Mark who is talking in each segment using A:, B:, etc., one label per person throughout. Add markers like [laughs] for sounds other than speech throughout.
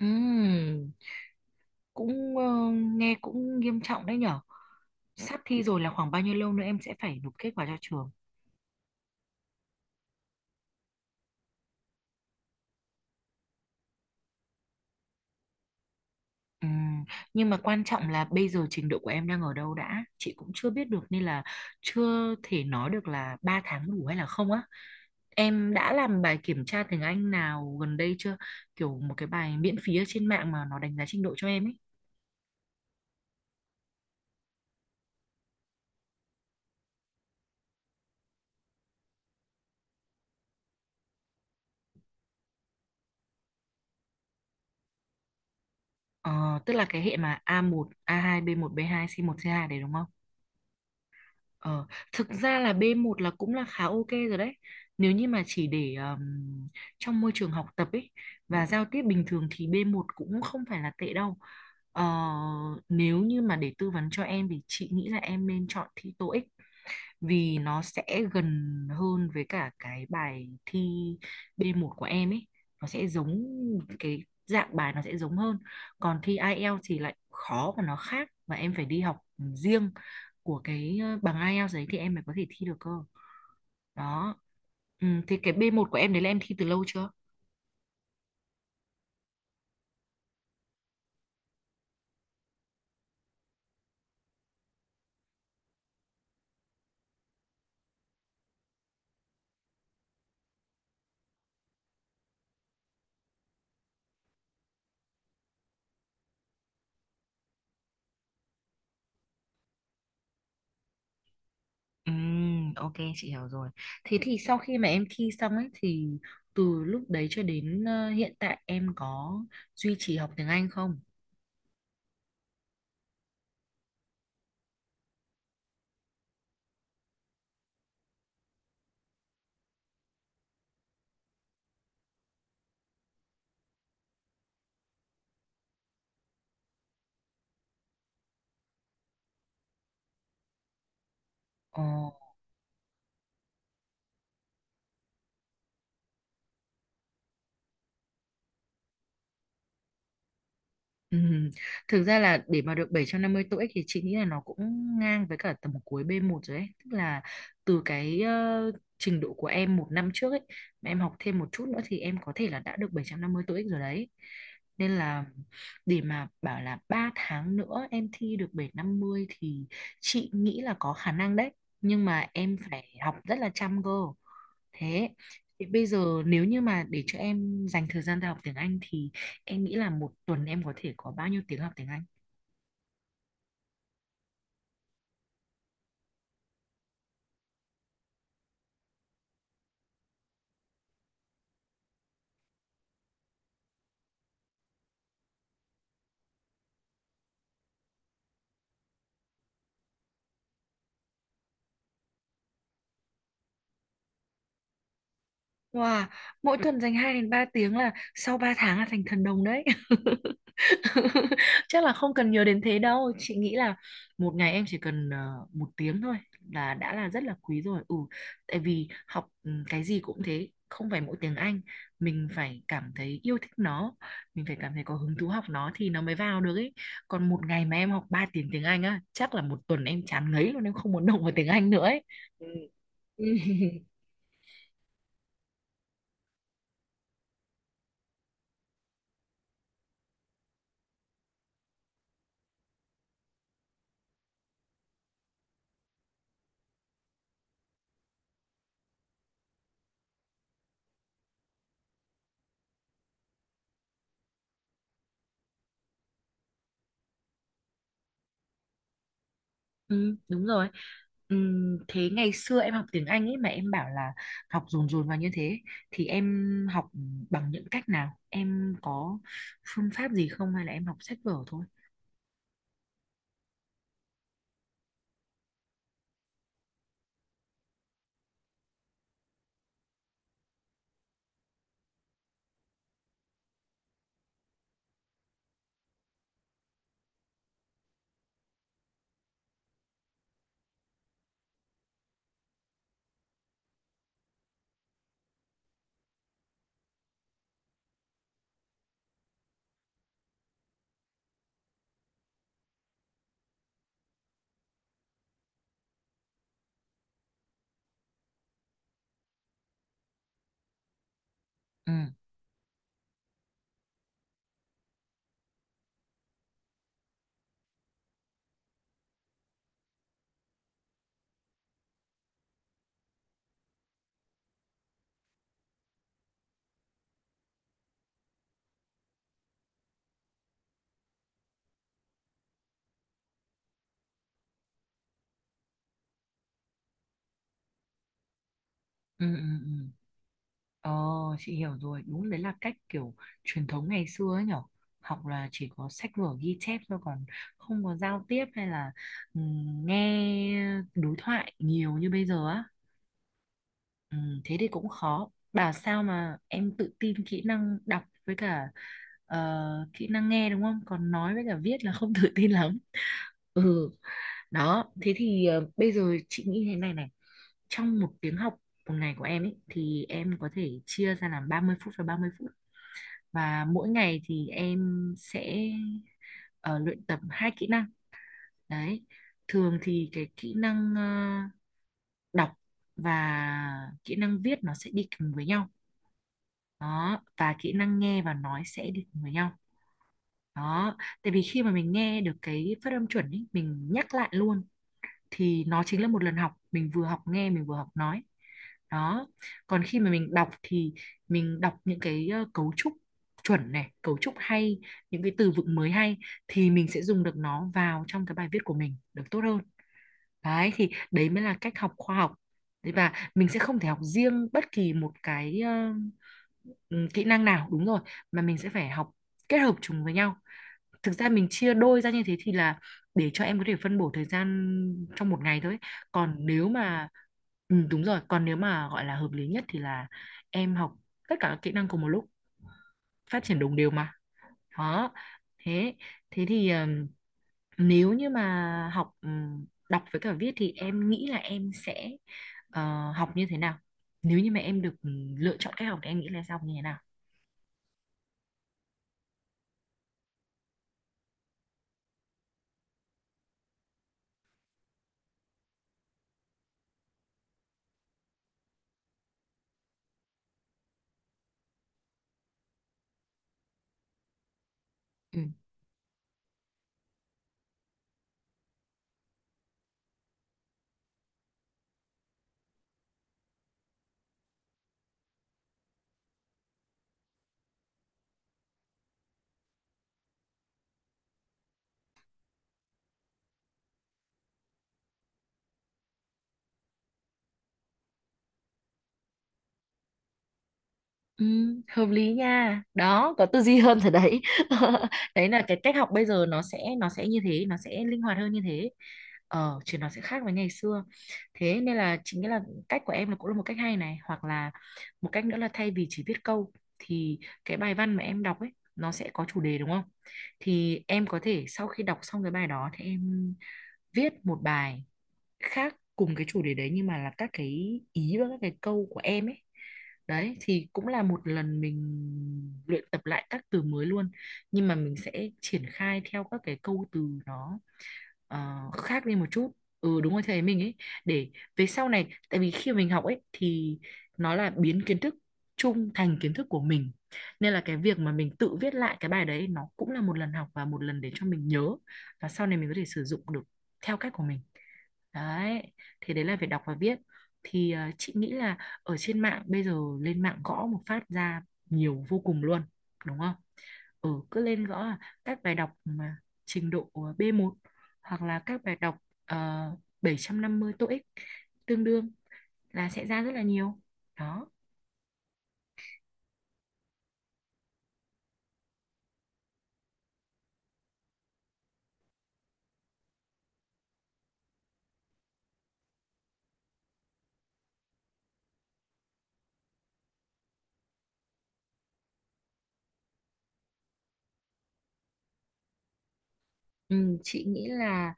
A: Ừm, cũng nghe cũng nghiêm trọng đấy nhở. Sắp thi rồi là khoảng bao nhiêu lâu nữa em sẽ phải nộp kết quả cho trường? Ừm, nhưng mà quan trọng là bây giờ trình độ của em đang ở đâu đã. Chị cũng chưa biết được nên là chưa thể nói được là 3 tháng đủ hay là không á. Em đã làm bài kiểm tra tiếng Anh nào gần đây chưa? Kiểu một cái bài miễn phí ở trên mạng mà nó đánh giá trình độ cho em ấy. Ờ, Tức là cái hệ mà a một a hai b một b hai c một c hai đấy đúng không? Ờ, Thực ra là B1 là cũng là khá ok rồi đấy. Nếu như mà chỉ để trong môi trường học tập ấy và giao tiếp bình thường thì B1 cũng không phải là tệ đâu. Ờ, Nếu như mà để tư vấn cho em thì chị nghĩ là em nên chọn thi TOEIC, vì nó sẽ gần hơn với cả cái bài thi B1 của em ấy, nó sẽ giống, cái dạng bài nó sẽ giống hơn. Còn thi IELTS thì lại khó và nó khác, và em phải đi học riêng của cái bằng IELTS đấy thì em mới có thể thi được cơ, đó. Thì cái B1 của em đấy là em thi từ lâu chưa? Ừ, ok, chị hiểu rồi. Thế thì sau khi mà em thi xong ấy thì từ lúc đấy cho đến hiện tại em có duy trì học tiếng Anh không? Ồ. Ừm, Thực ra là để mà được 750 TOEIC thì chị nghĩ là nó cũng ngang với cả tầm cuối b một rồi ấy. Tức là từ cái trình độ của em một năm trước ấy, mà em học thêm một chút nữa thì em có thể là đã được 750 TOEIC rồi đấy. Nên là để mà bảo là 3 tháng nữa em thi được 750 thì chị nghĩ là có khả năng đấy. Nhưng mà em phải học rất là chăm cơ. Thế thì bây giờ nếu như mà để cho em dành thời gian ra học tiếng Anh thì em nghĩ là một tuần em có thể có bao nhiêu tiếng học tiếng Anh? Wow, mỗi tuần dành 2 đến 3 tiếng là sau 3 tháng là thành thần đồng đấy. [laughs] [laughs] Chắc là không cần nhiều đến thế đâu. Chị nghĩ là một ngày em chỉ cần một tiếng thôi là đã là rất là quý rồi. Ừ, tại vì học cái gì cũng thế, không phải mỗi tiếng Anh. Mình phải cảm thấy yêu thích nó, mình phải cảm thấy có hứng thú học nó thì nó mới vào được ấy. Còn một ngày mà em học 3 tiếng tiếng Anh á, chắc là một tuần em chán ngấy luôn, em không muốn động vào tiếng Anh nữa ấy. Ừ. [laughs] Ừ, đúng rồi. Thế ngày xưa em học tiếng Anh ấy mà em bảo là học dồn dồn vào như thế thì em học bằng những cách nào? Em có phương pháp gì không, hay là em học sách vở thôi? Ừ, ừ, ừ. Ừ. Ờ, chị hiểu rồi. Đúng đấy là cách kiểu truyền thống ngày xưa ấy nhở. Học là chỉ có sách vở ghi chép thôi, còn không có giao tiếp hay là nghe đối thoại nhiều như bây giờ á. Ừ, thế thì cũng khó. Bảo sao mà em tự tin kỹ năng đọc với cả ờ, kỹ năng nghe đúng không? Còn nói với cả viết là không [laughs] tự tin lắm. Ừ, đó. Thế thì bây giờ chị nghĩ thế này này. Trong một tiếng học một ngày của em ấy thì em có thể chia ra làm 30 phút và 30 phút. Và mỗi ngày thì em sẽ luyện tập hai kỹ năng. Đấy. Thường thì cái kỹ năng đọc và kỹ năng viết nó sẽ đi kèm với nhau, đó, và kỹ năng nghe và nói sẽ đi cùng với nhau, đó, tại vì khi mà mình nghe được cái phát âm chuẩn ý, mình nhắc lại luôn thì nó chính là một lần học, mình vừa học nghe mình vừa học nói, đó. Còn khi mà mình đọc thì mình đọc những cái cấu trúc chuẩn này, cấu trúc hay, những cái từ vựng mới hay, thì mình sẽ dùng được nó vào trong cái bài viết của mình được tốt hơn. Đấy thì đấy mới là cách học khoa học. Đấy, và mình sẽ không thể học riêng bất kỳ một cái ừ, kỹ năng nào, đúng rồi, mà mình sẽ phải học kết hợp chúng với nhau. Thực ra mình chia đôi ra như thế thì là để cho em có thể phân bổ thời gian trong một ngày thôi. Còn nếu mà Ừ, đúng rồi, còn nếu mà gọi là hợp lý nhất thì là em học tất cả các kỹ năng cùng một lúc, phát triển đồng đều mà. Đó. Thế thế thì nếu như mà học đọc với cả viết thì em nghĩ là em sẽ học như thế nào, nếu như mà em được lựa chọn cách học thì em nghĩ là sẽ học như thế nào? Ừ. Ừ, hợp lý nha, đó có tư duy hơn rồi đấy. [laughs] Đấy là cái cách học bây giờ, nó sẽ như thế, nó sẽ linh hoạt hơn như thế, chứ nó sẽ khác với ngày xưa. Thế nên là chính cái là cách của em là cũng là một cách hay này, hoặc là một cách nữa là thay vì chỉ viết câu thì cái bài văn mà em đọc ấy, nó sẽ có chủ đề đúng không, thì em có thể sau khi đọc xong cái bài đó thì em viết một bài khác cùng cái chủ đề đấy nhưng mà là các cái ý và các cái câu của em ấy. Đấy thì cũng là một lần mình luyện tập lại các từ mới luôn, nhưng mà mình sẽ triển khai theo các cái câu từ nó khác đi một chút. Ừ đúng rồi, thầy mình ấy, để về sau này, tại vì khi mình học ấy thì nó là biến kiến thức chung thành kiến thức của mình, nên là cái việc mà mình tự viết lại cái bài đấy nó cũng là một lần học và một lần để cho mình nhớ và sau này mình có thể sử dụng được theo cách của mình, đấy. Thì đấy là về đọc và viết. Thì chị nghĩ là ở trên mạng bây giờ lên mạng gõ một phát ra nhiều vô cùng luôn, đúng không? Ừ, cứ lên gõ là các bài đọc mà trình độ b một hoặc là các bài đọc ờ, 750 TOEIC tương đương là sẽ ra rất là nhiều, đó. Ừ, chị nghĩ là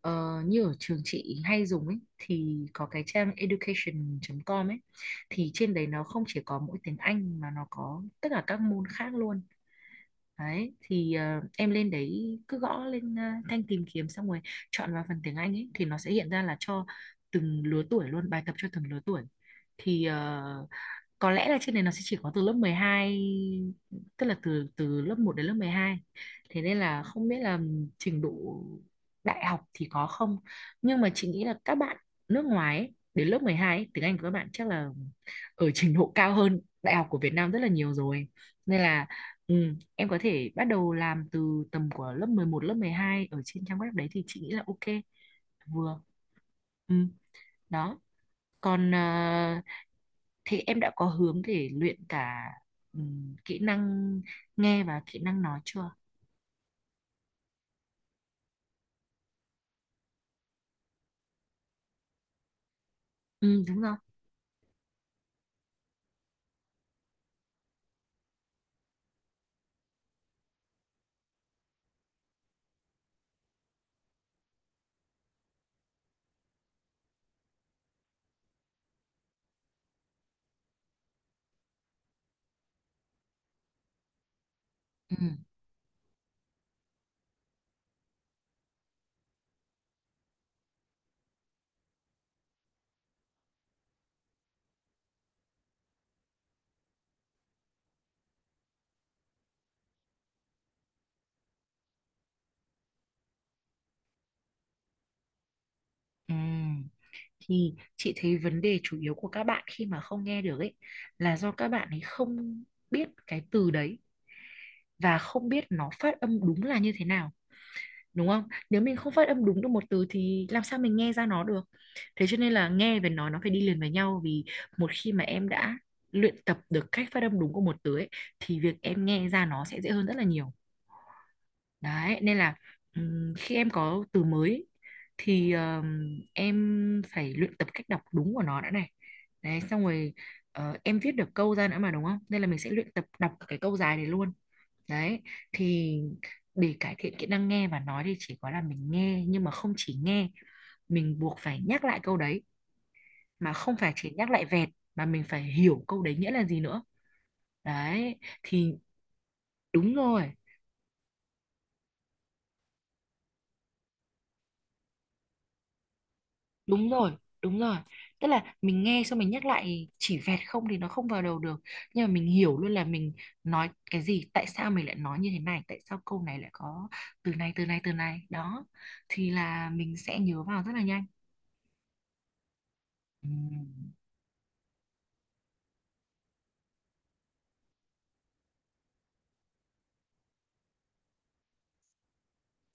A: như ở trường chị hay dùng ấy thì có cái trang education.com ấy, thì trên đấy nó không chỉ có mỗi tiếng Anh mà nó có tất cả các môn khác luôn. Đấy thì em lên đấy cứ gõ lên thanh tìm kiếm, xong rồi chọn vào phần tiếng Anh ấy thì nó sẽ hiện ra là cho từng lứa tuổi luôn, bài tập cho từng lứa tuổi. Thì có lẽ là trên này nó sẽ chỉ có từ lớp 12, tức là từ từ lớp một đến lớp 12, thế nên là không biết là trình độ đại học thì có không, nhưng mà chị nghĩ là các bạn nước ngoài ấy, đến lớp 12 ấy, tiếng Anh của các bạn chắc là ở trình độ cao hơn đại học của Việt Nam rất là nhiều rồi, nên là, ừ, em có thể bắt đầu làm từ tầm của lớp 11 lớp 12 ở trên trang web đấy thì chị nghĩ là ok vừa. Ừ, đó. Còn thì em đã có hướng để luyện cả kỹ năng nghe và kỹ năng nói chưa? Ừ, đúng rồi. Ừ. Ừ. Thì chị thấy vấn đề chủ yếu của các bạn khi mà không nghe được ấy là do các bạn ấy không biết cái từ đấy và không biết nó phát âm đúng là như thế nào. Đúng không? Nếu mình không phát âm đúng được một từ thì làm sao mình nghe ra nó được. Thế cho nên là nghe và nói nó phải đi liền với nhau, vì một khi mà em đã luyện tập được cách phát âm đúng của một từ ấy thì việc em nghe ra nó sẽ dễ hơn rất là nhiều. Đấy nên là khi em có từ mới thì em phải luyện tập cách đọc đúng của nó đã này. Đấy xong rồi em viết được câu ra nữa mà, đúng không, nên là mình sẽ luyện tập đọc cái câu dài này luôn. Đấy, thì để cải thiện kỹ năng nghe và nói thì chỉ có là mình nghe nhưng mà không chỉ nghe, mình buộc phải nhắc lại câu đấy, mà không phải chỉ nhắc lại vẹt, mà mình phải hiểu câu đấy nghĩa là gì nữa. Đấy, thì đúng rồi, đúng rồi, đúng rồi. Tức là mình nghe xong mình nhắc lại chỉ vẹt không thì nó không vào đầu được, nhưng mà mình hiểu luôn là mình nói cái gì, tại sao mình lại nói như thế này, tại sao câu này lại có từ này từ này từ này. Đó, thì là mình sẽ nhớ vào rất là nhanh. Ừ,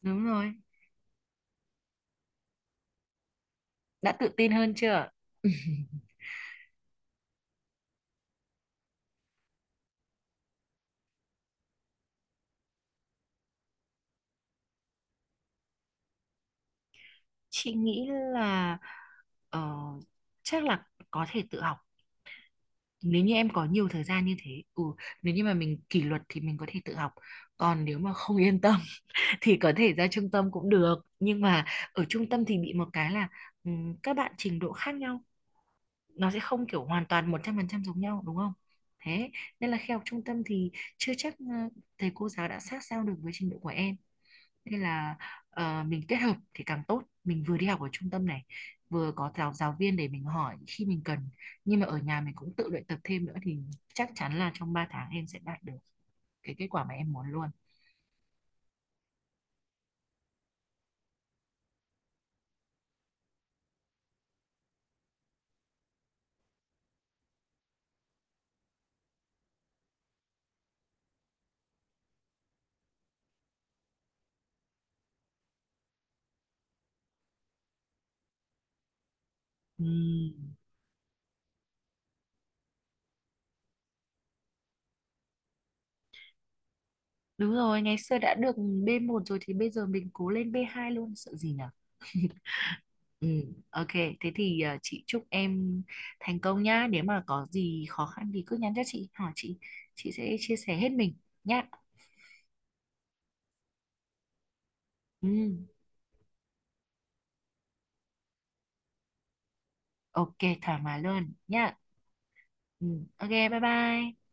A: đúng rồi. Đã tự tin hơn chưa? [laughs] Chị nghĩ là ờ, chắc là có thể tự học nếu như em có nhiều thời gian như thế. Ừ, nếu như mà mình kỷ luật thì mình có thể tự học. Còn nếu mà không yên tâm [laughs] thì có thể ra trung tâm cũng được. Nhưng mà ở trung tâm thì bị một cái là các bạn trình độ khác nhau, nó sẽ không kiểu hoàn toàn 100% giống nhau, đúng không? Thế nên là khi học trung tâm thì chưa chắc thầy cô giáo đã sát sao được với trình độ của em. Nên là mình kết hợp thì càng tốt, mình vừa đi học ở trung tâm này, vừa có giáo giáo viên để mình hỏi khi mình cần, nhưng mà ở nhà mình cũng tự luyện tập thêm nữa thì chắc chắn là trong 3 tháng em sẽ đạt được cái kết quả mà em muốn luôn. Ừm, Đúng rồi, ngày xưa đã được B1 rồi thì bây giờ mình cố lên B2 luôn, sợ gì nhở. [laughs] Ừ, ok, thế thì chị chúc em thành công nhá. Nếu mà có gì khó khăn thì cứ nhắn cho chị, hỏi chị sẽ chia sẻ hết mình nhá. Ừ. Ok, thoải mái luôn nhá. Ừ, ok, bye bye.